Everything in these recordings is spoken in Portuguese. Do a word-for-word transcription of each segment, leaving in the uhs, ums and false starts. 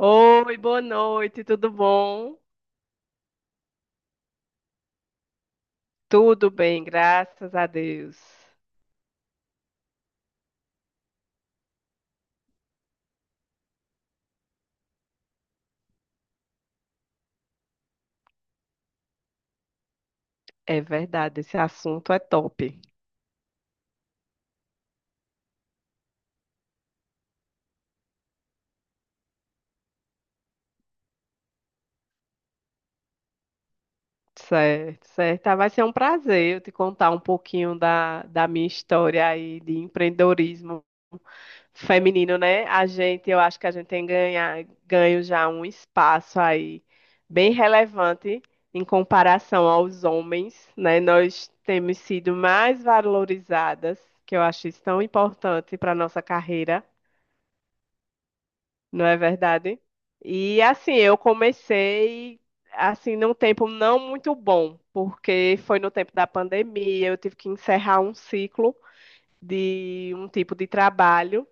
Oi, boa noite, tudo bom? Tudo bem, graças a Deus. É verdade, esse assunto é top. Certo, certo. Ah, Vai ser um prazer eu te contar um pouquinho da, da minha história aí de empreendedorismo feminino, né? A gente, eu acho que a gente tem ganha, ganho já um espaço aí bem relevante em comparação aos homens, né? Nós temos sido mais valorizadas, que eu acho isso tão importante para a nossa carreira. Não é verdade? E assim, eu comecei assim num tempo não muito bom, porque foi no tempo da pandemia, eu tive que encerrar um ciclo de um tipo de trabalho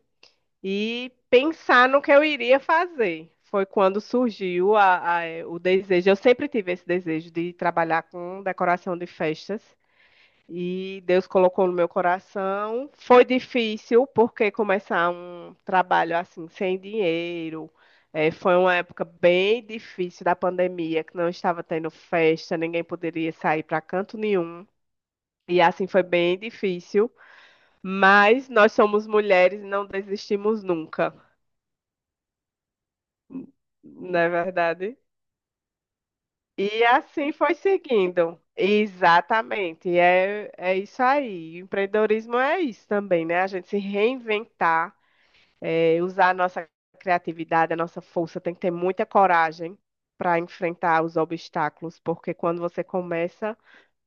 e pensar no que eu iria fazer. Foi quando surgiu a- a- o desejo. Eu sempre tive esse desejo de trabalhar com decoração de festas. E Deus colocou no meu coração. Foi difícil, porque começar um trabalho assim, sem dinheiro, eh, foi uma época bem difícil da pandemia, que não estava tendo festa, ninguém poderia sair para canto nenhum. E assim foi bem difícil. Mas nós somos mulheres e não desistimos nunca, não é verdade? E assim foi seguindo. Exatamente. É, é isso aí. Empreendedorismo é isso também, né? A gente se reinventar, é, usar a nossa criatividade, a nossa força, tem que ter muita coragem para enfrentar os obstáculos, porque quando você começa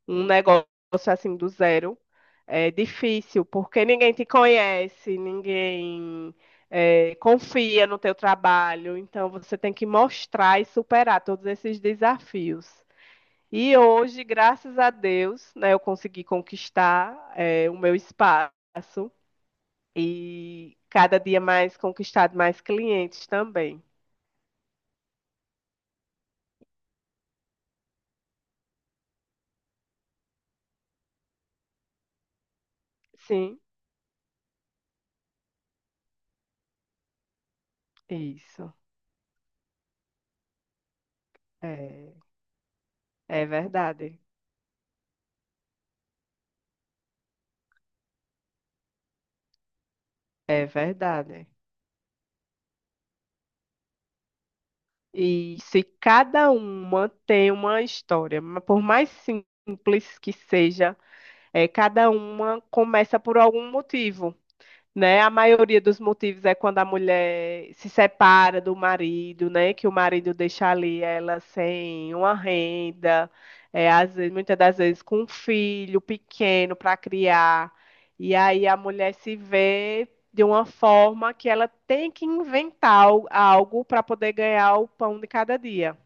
um negócio assim do zero, é difícil, porque ninguém te conhece, ninguém eh, confia no teu trabalho, então você tem que mostrar e superar todos esses desafios. E hoje, graças a Deus, né, eu consegui conquistar é, o meu espaço e cada dia mais conquistado mais clientes também. Sim, isso. É, é verdade. É verdade. E se cada uma tem uma história, ma- por mais simples que seja, é, cada uma começa por algum motivo. Né? A maioria dos motivos é quando a mulher se separa do marido, né? Que o marido deixa ali ela sem uma renda, é, às vezes, muitas das vezes com um filho pequeno para criar. E aí a mulher se vê de uma forma que ela tem que inventar al- algo para poder ganhar o pão de cada dia.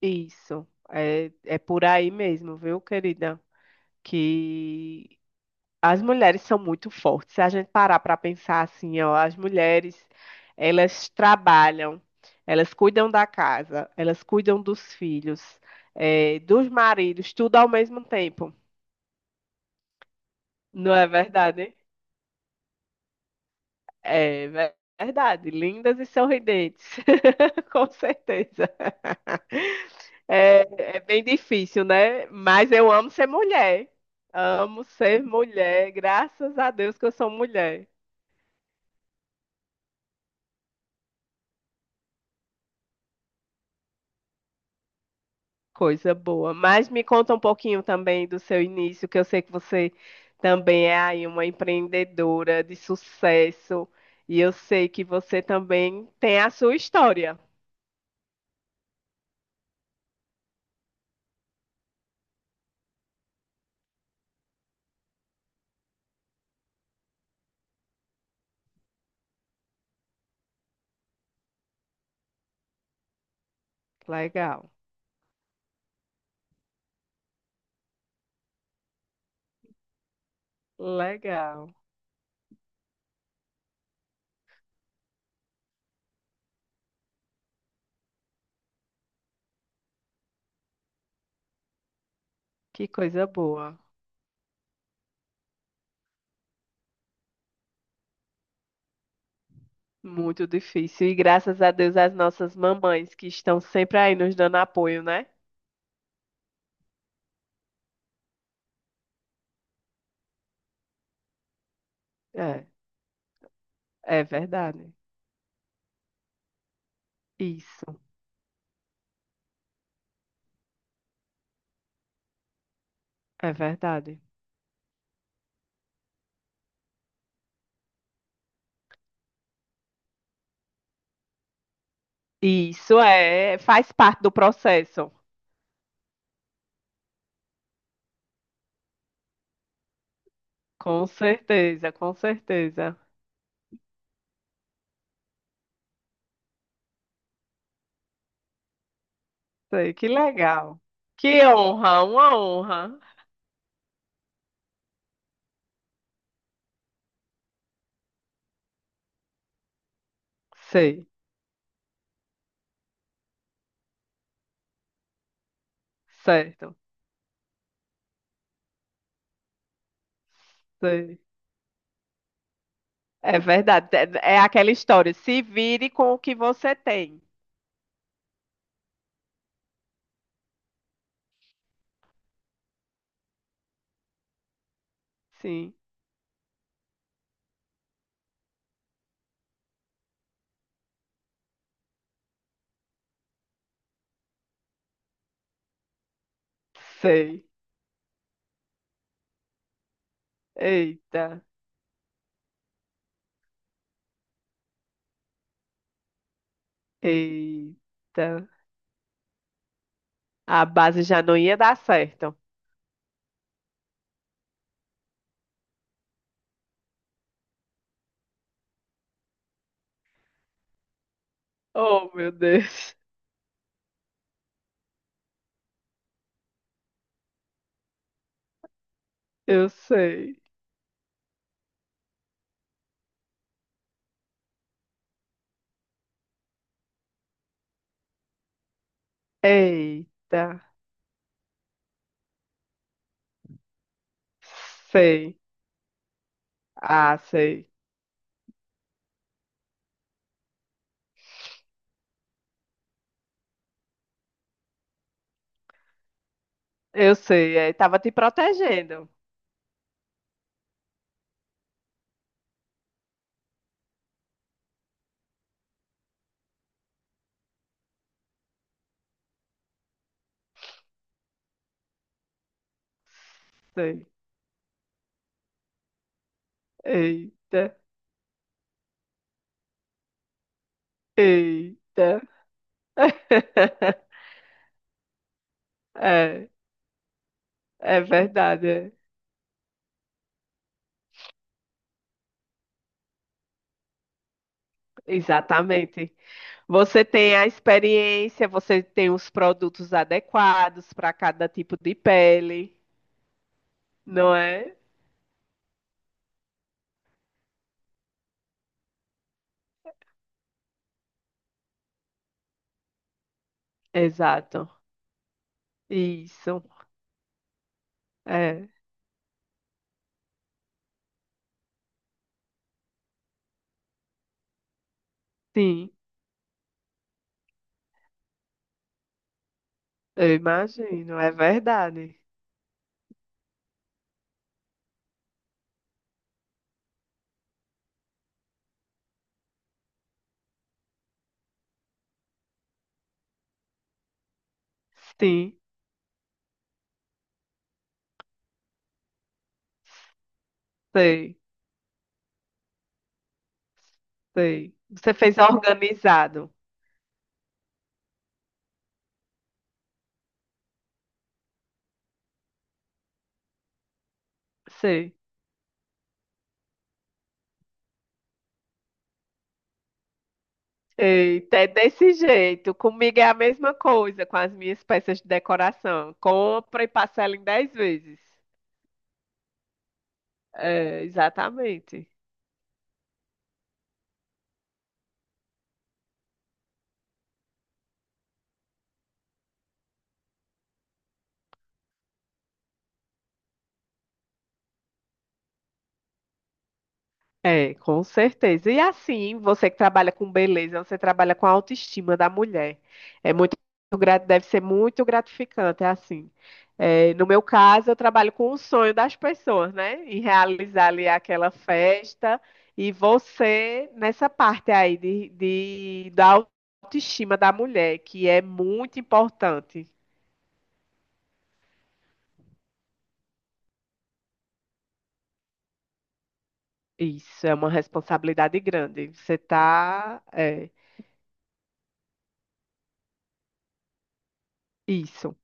Isso. É, é por aí mesmo, viu, querida? Que as mulheres são muito fortes. Se a gente parar para pensar assim, ó, as mulheres, elas trabalham, elas cuidam da casa, elas cuidam dos filhos, eh, dos maridos, tudo ao mesmo tempo. Não é verdade? É ver- verdade. Lindas e sorridentes. Com certeza. É, é bem difícil, né? Mas eu amo ser mulher. Amo ser mulher. Graças a Deus que eu sou mulher. Coisa boa. Mas me conta um pouquinho também do seu início, que eu sei que você também é aí uma empreendedora de sucesso. E eu sei que você também tem a sua história. Legal, legal. Que coisa boa. Muito difícil. E graças a Deus as nossas mamães que estão sempre aí nos dando apoio, né? É, é verdade. Isso, é verdade. Isso é, faz parte do processo. Com certeza, com certeza. Sei, que legal. Que honra, uma honra. Sei, certo, sei. É verdade. É, é aquela história. Se vire com o que você tem. Sim, sei. Eita, eita. A base já não ia dar certo. Oh, meu Deus. Eu sei. Eita, sei. Ah, sei. Eu sei. É, tava te protegendo. Sei. Eita, eita. É, é verdade. É. Exatamente. Você tem a experiência, você tem os produtos adequados para cada tipo de pele, não é? Exato. Isso. É, sim, eu imagino, é verdade. Sim, sei, sei. Você fez organizado. Sei. Eita, é desse jeito. Comigo é a mesma coisa com as minhas peças de decoração. Compra e parcela em dez vezes. É, exatamente. É, com certeza. E assim, você que trabalha com beleza, você trabalha com a autoestima da mulher. É muito gra- deve ser muito gratificante, é assim. É, no meu caso, eu trabalho com o sonho das pessoas, né? Em realizar ali aquela festa. E você, nessa parte aí de, de, da autoestima da mulher, que é muito importante. Isso, é uma responsabilidade grande. Você tá, é, isso.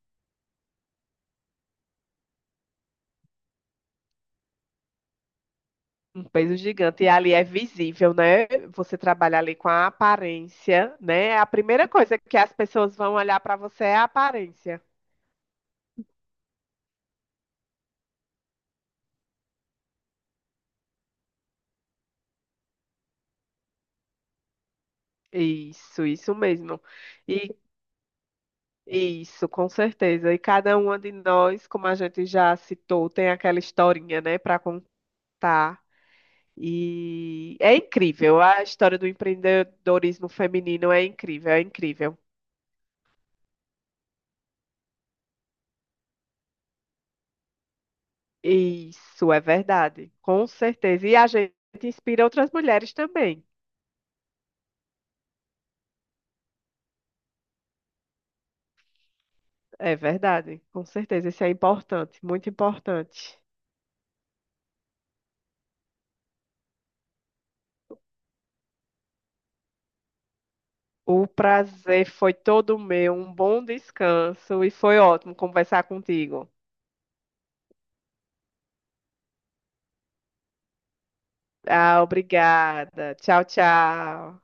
Um peso gigante. E ali é visível, né? Você trabalha ali com a aparência, né? A primeira coisa que as pessoas vão olhar para você é a aparência. Isso, isso mesmo. E isso, com certeza. E cada uma de nós, como a gente já citou, tem aquela historinha, né, para contar. E é incrível. A história do empreendedorismo feminino é incrível, é incrível. Isso é verdade, com certeza. E a gente inspira outras mulheres também. É verdade, com certeza. Isso é importante, muito importante. O prazer foi todo meu, um bom descanso e foi ótimo conversar contigo. Ah, obrigada. Tchau, tchau.